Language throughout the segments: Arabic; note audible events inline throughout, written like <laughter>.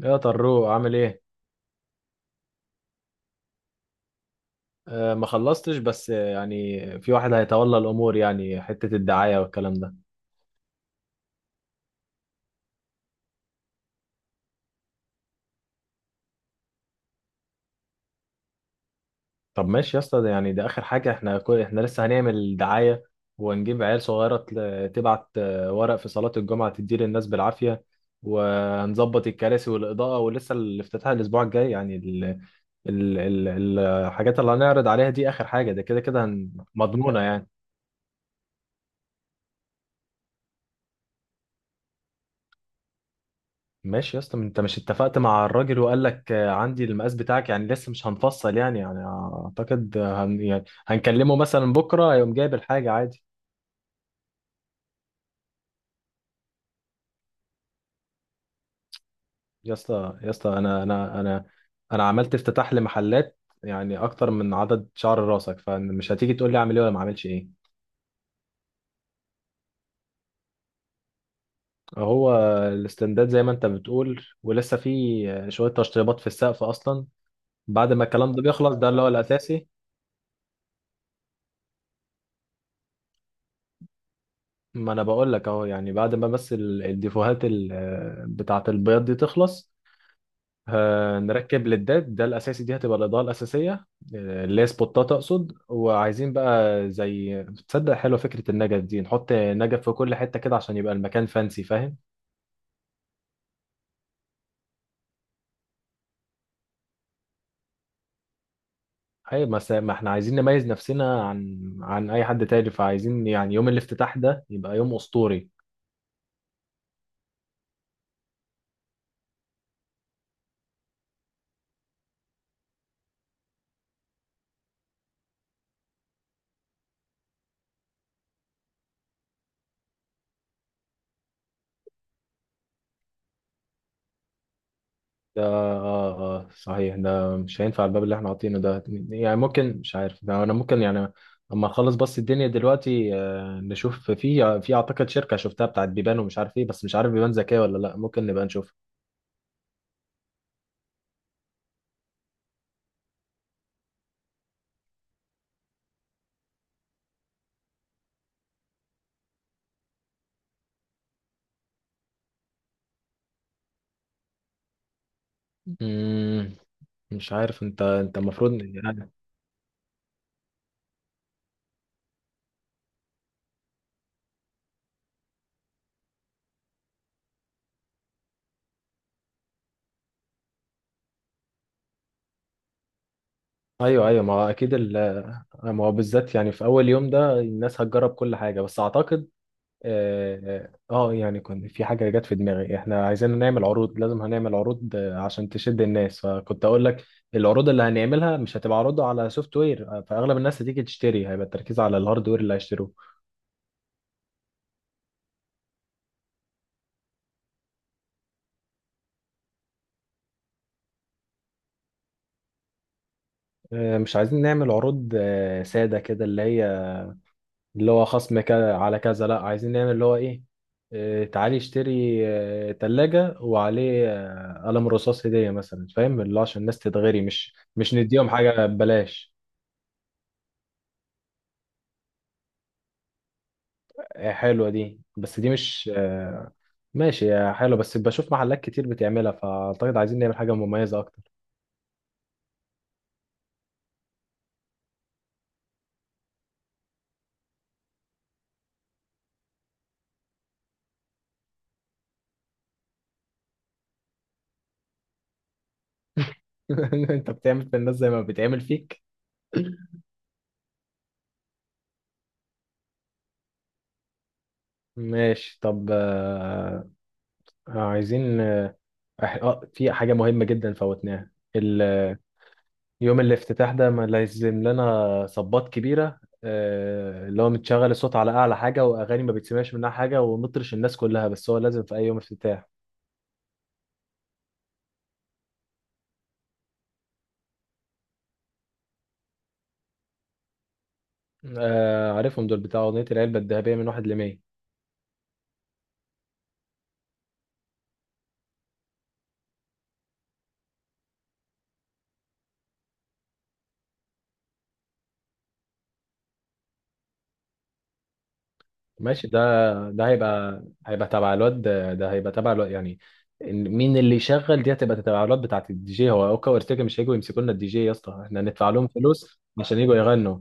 يا طروق عامل ايه؟ ما خلصتش بس، يعني في واحد هيتولى الامور، يعني حتة الدعاية والكلام ده. طب ماشي يا اسطى، ده يعني ده اخر حاجة. احنا احنا لسه هنعمل دعاية، وهنجيب عيال صغيرة تبعت ورق في صلاة الجمعة تدي للناس بالعافية. وهنظبط الكراسي والإضاءة، ولسه الافتتاح الأسبوع الجاي. يعني ال ال ال الحاجات اللي هنعرض عليها دي آخر حاجة. ده كده كده مضمونة يعني. ماشي يا اسطى، ما انت مش اتفقت مع الراجل وقال لك عندي المقاس بتاعك، يعني لسه مش هنفصل يعني، يعني اعتقد آه، هن يعني هنكلمه مثلا بكره هيقوم جايب الحاجه عادي. يا اسطى يا اسطى، انا عملت افتتاح لمحلات يعني اكتر من عدد شعر راسك، فمش هتيجي تقول لي اعمل ايه ولا ما اعملش ايه. هو الاستنداد زي ما انت بتقول، ولسه في شويه تشطيبات في السقف اصلا بعد ما الكلام ده بيخلص، ده اللي هو الاساسي. ما انا بقول لك اهو، يعني بعد ما بس الديفوهات بتاعه البياض دي تخلص، نركب للداد. ده الاساسي، دي هتبقى الاضاءه الاساسيه، اللي هي سبوتات اقصد. وعايزين بقى زي تصدق حلوه فكره النجف دي، نحط نجف في كل حته كده عشان يبقى المكان فانسي، فاهم؟ اي ما احنا عايزين نميز نفسنا عن اي حد تاني، فعايزين يعني يوم الافتتاح ده يبقى يوم اسطوري. ده اه. اه صحيح، ده مش هينفع الباب اللي احنا حاطينه ده. يعني ممكن، مش عارف ده، انا ممكن يعني اما اخلص بس الدنيا دلوقتي، نشوف في، في اعتقد شركة شفتها بتاعت بيبان ومش عارف ايه، بس مش عارف بيبان ذكية ولا لا، ممكن نبقى نشوف. مم، مش عارف انت، انت المفروض يعني. ايوه ايوه، ما هو اكيد ما هو بالذات يعني في اول يوم ده الناس هتجرب كل حاجة، بس اعتقد اه. يعني كنت في حاجة جت في دماغي، احنا عايزين نعمل عروض، لازم هنعمل عروض عشان تشد الناس، فكنت اقول لك العروض اللي هنعملها مش هتبقى عروض على سوفت وير، فاغلب الناس هتيجي تشتري هيبقى التركيز على الهاردوير اللي هيشتروه. مش عايزين نعمل عروض سادة كده، اللي هي اللي هو خصم كذا على كذا، لا عايزين نعمل اللي هو ايه، تعالي اشتري تلاجة وعليه قلم رصاص هدية مثلا، فاهم؟ اللي هو عشان الناس تتغري، مش نديهم حاجة ببلاش. حلوة دي، بس دي مش ماشي يا حلو، بس بشوف محلات كتير بتعملها، فأعتقد عايزين نعمل حاجة مميزة أكتر. <laughs> أنت بتعمل في الناس زي ما بتعمل فيك. ماشي طب، عايزين آه، في حاجة مهمة جدا فوتناها يوم الافتتاح ده ما لازم لنا صبات كبيرة، اللي هو متشغل الصوت على أعلى حاجة وأغاني ما بتسمعش منها حاجة، ونطرش الناس كلها، بس هو لازم في أي يوم افتتاح. عارفهم دول، بتاع أغنية العلبة الذهبية من 1 لـ100. ماشي، ده ده هيبقى تبع الواد ده, ده هيبقى تبع الواد يعني. مين اللي يشغل دي؟ هتبقى تبع الواد بتاعت الدي جي. هو اوكا وارتيجا مش هيجوا يمسكوا لنا الدي جي يا اسطى، احنا ندفع لهم فلوس عشان يجوا يغنوا.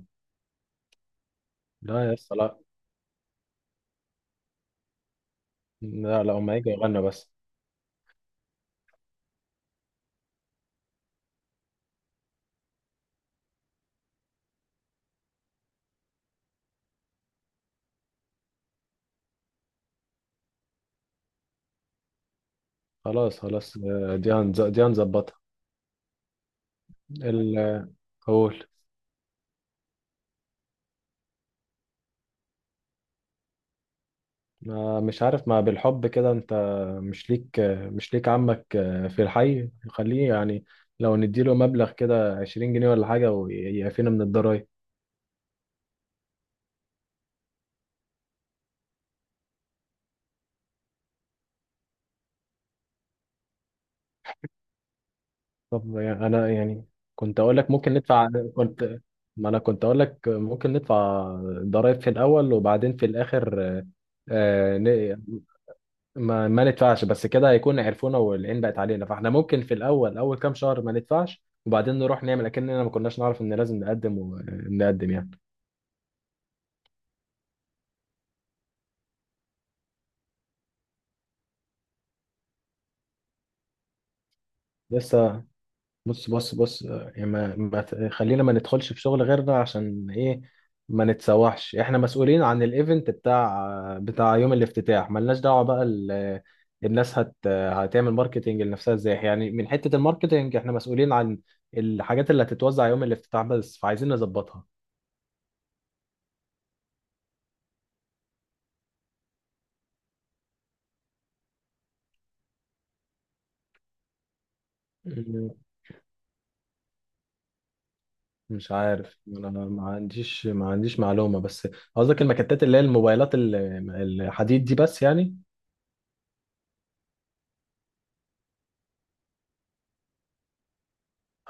لا يا اسطى، لا لا لا، هم هيجوا يغنوا بس. خلاص خلاص، دي هنظبطها. ال- قول. مش عارف، ما بالحب كده انت، مش ليك، مش ليك عمك في الحي، خليه يعني لو نديله مبلغ كده 20 جنيه ولا حاجة ويعفينا من الضرايب. طب يعني انا يعني كنت اقول لك ممكن ندفع. كنت، ما انا كنت اقول لك ممكن ندفع ضرائب في الاول، وبعدين في الاخر آه، ن- ما, ما ندفعش. بس كده هيكون عرفونا والعين بقت علينا، فاحنا ممكن في الاول اول كام شهر ما ندفعش، وبعدين نروح نعمل اكننا ما كناش نعرف ان لازم نقدم، ونقدم يعني. لسه. بص بص بص، يعني ما ما ت- خلينا ما ندخلش في شغل غيرنا، عشان ايه ما نتسوحش. احنا مسؤولين عن الايفنت بتاع بتاع يوم الافتتاح، ملناش دعوة بقى الناس هت آه، هتعمل ماركتينج لنفسها ازاي يعني. من حتة الماركتينج احنا مسؤولين عن الحاجات اللي هتتوزع يوم الافتتاح بس، فعايزين نظبطها. مم. مش عارف، انا ما عنديش معلومة. بس قصدك المكتات اللي هي الموبايلات الحديد دي بس يعني.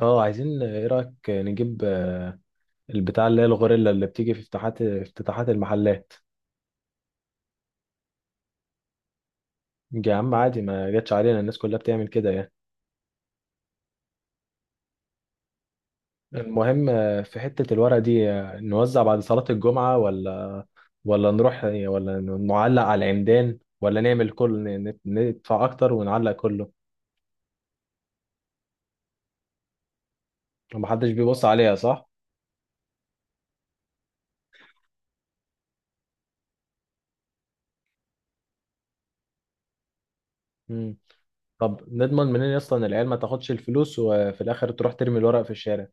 اه عايزين، ايه رأيك نجيب البتاع اللي هي الغوريلا اللي بتيجي في افتتاحات المحلات. يا عم عادي، ما جاتش علينا، الناس كلها بتعمل كده يعني. المهم، في حتة الورق دي، نوزع بعد صلاة الجمعة، ولا ولا نروح ولا نعلق على العمدان، ولا نعمل كل ندفع أكتر ونعلق كله. محدش بيبص عليها صح؟ مم. طب نضمن منين أصلا العيال ما تاخدش الفلوس وفي الآخر تروح ترمي الورق في الشارع؟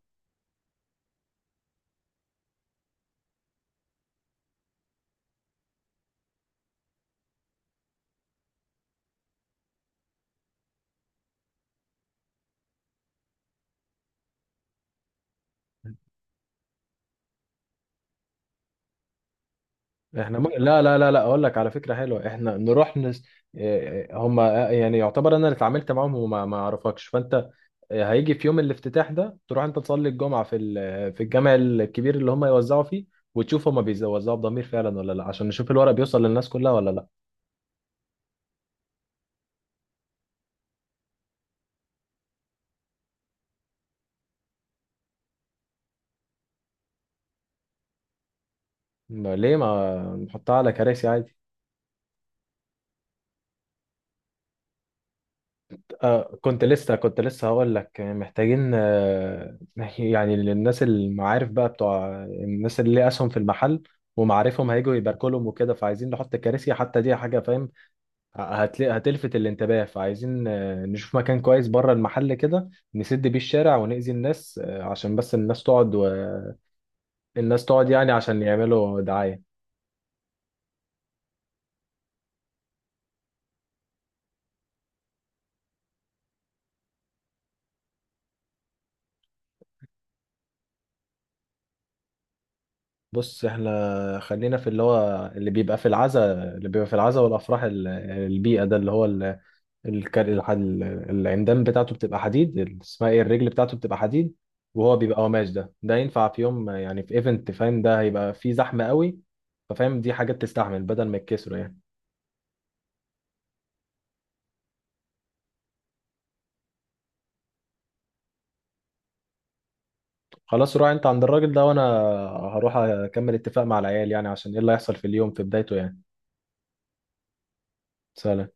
احنا ممكن، لا لا لا لا اقول لك على فكره حلوه، احنا نروح نس... إيه، هم يعني يعتبر انا اللي اتعاملت معاهم وما ما اعرفكش، فانت هيجي في يوم الافتتاح ده تروح انت تصلي الجمعه في ال... في الجامع الكبير اللي هم يوزعوا فيه، وتشوف هم بيوزعوا بضمير فعلا ولا لا، عشان نشوف الورق بيوصل للناس كلها ولا لا. ليه ما نحطها على كراسي عادي. آه كنت لسه، كنت لسه هقول لك محتاجين آه <laughs> يعني للناس المعارف بقى، بتوع الناس اللي ليها اسهم في المحل ومعارفهم هيجوا يباركوا لهم وكده، فعايزين نحط كراسي حتى، دي حاجه فاهم هتلفت الانتباه. فعايزين آه نشوف مكان كويس بره المحل كده، نسد بيه الشارع ونأذي الناس، آه عشان بس الناس تقعد، والناس تقعد يعني عشان يعملوا دعايه. بص احنا خلينا في اللي هو اللي بيبقى في العزا، والافراح البيئه ده اللي هو الكر... الح- ال- العمدان بتاعته بتبقى حديد اسمها ايه الرجل بتاعته بتبقى حديد، وهو بيبقى قماش. ده ينفع في يوم، يعني في ايفنت فاهم، ده هيبقى فيه زحمة قوي، ففاهم دي حاجات تستحمل بدل ما يتكسروا يعني. خلاص روح انت عند الراجل ده، وانا هروح اكمل اتفاق مع العيال، يعني عشان ايه اللي هيحصل في اليوم في بدايته يعني. سلام.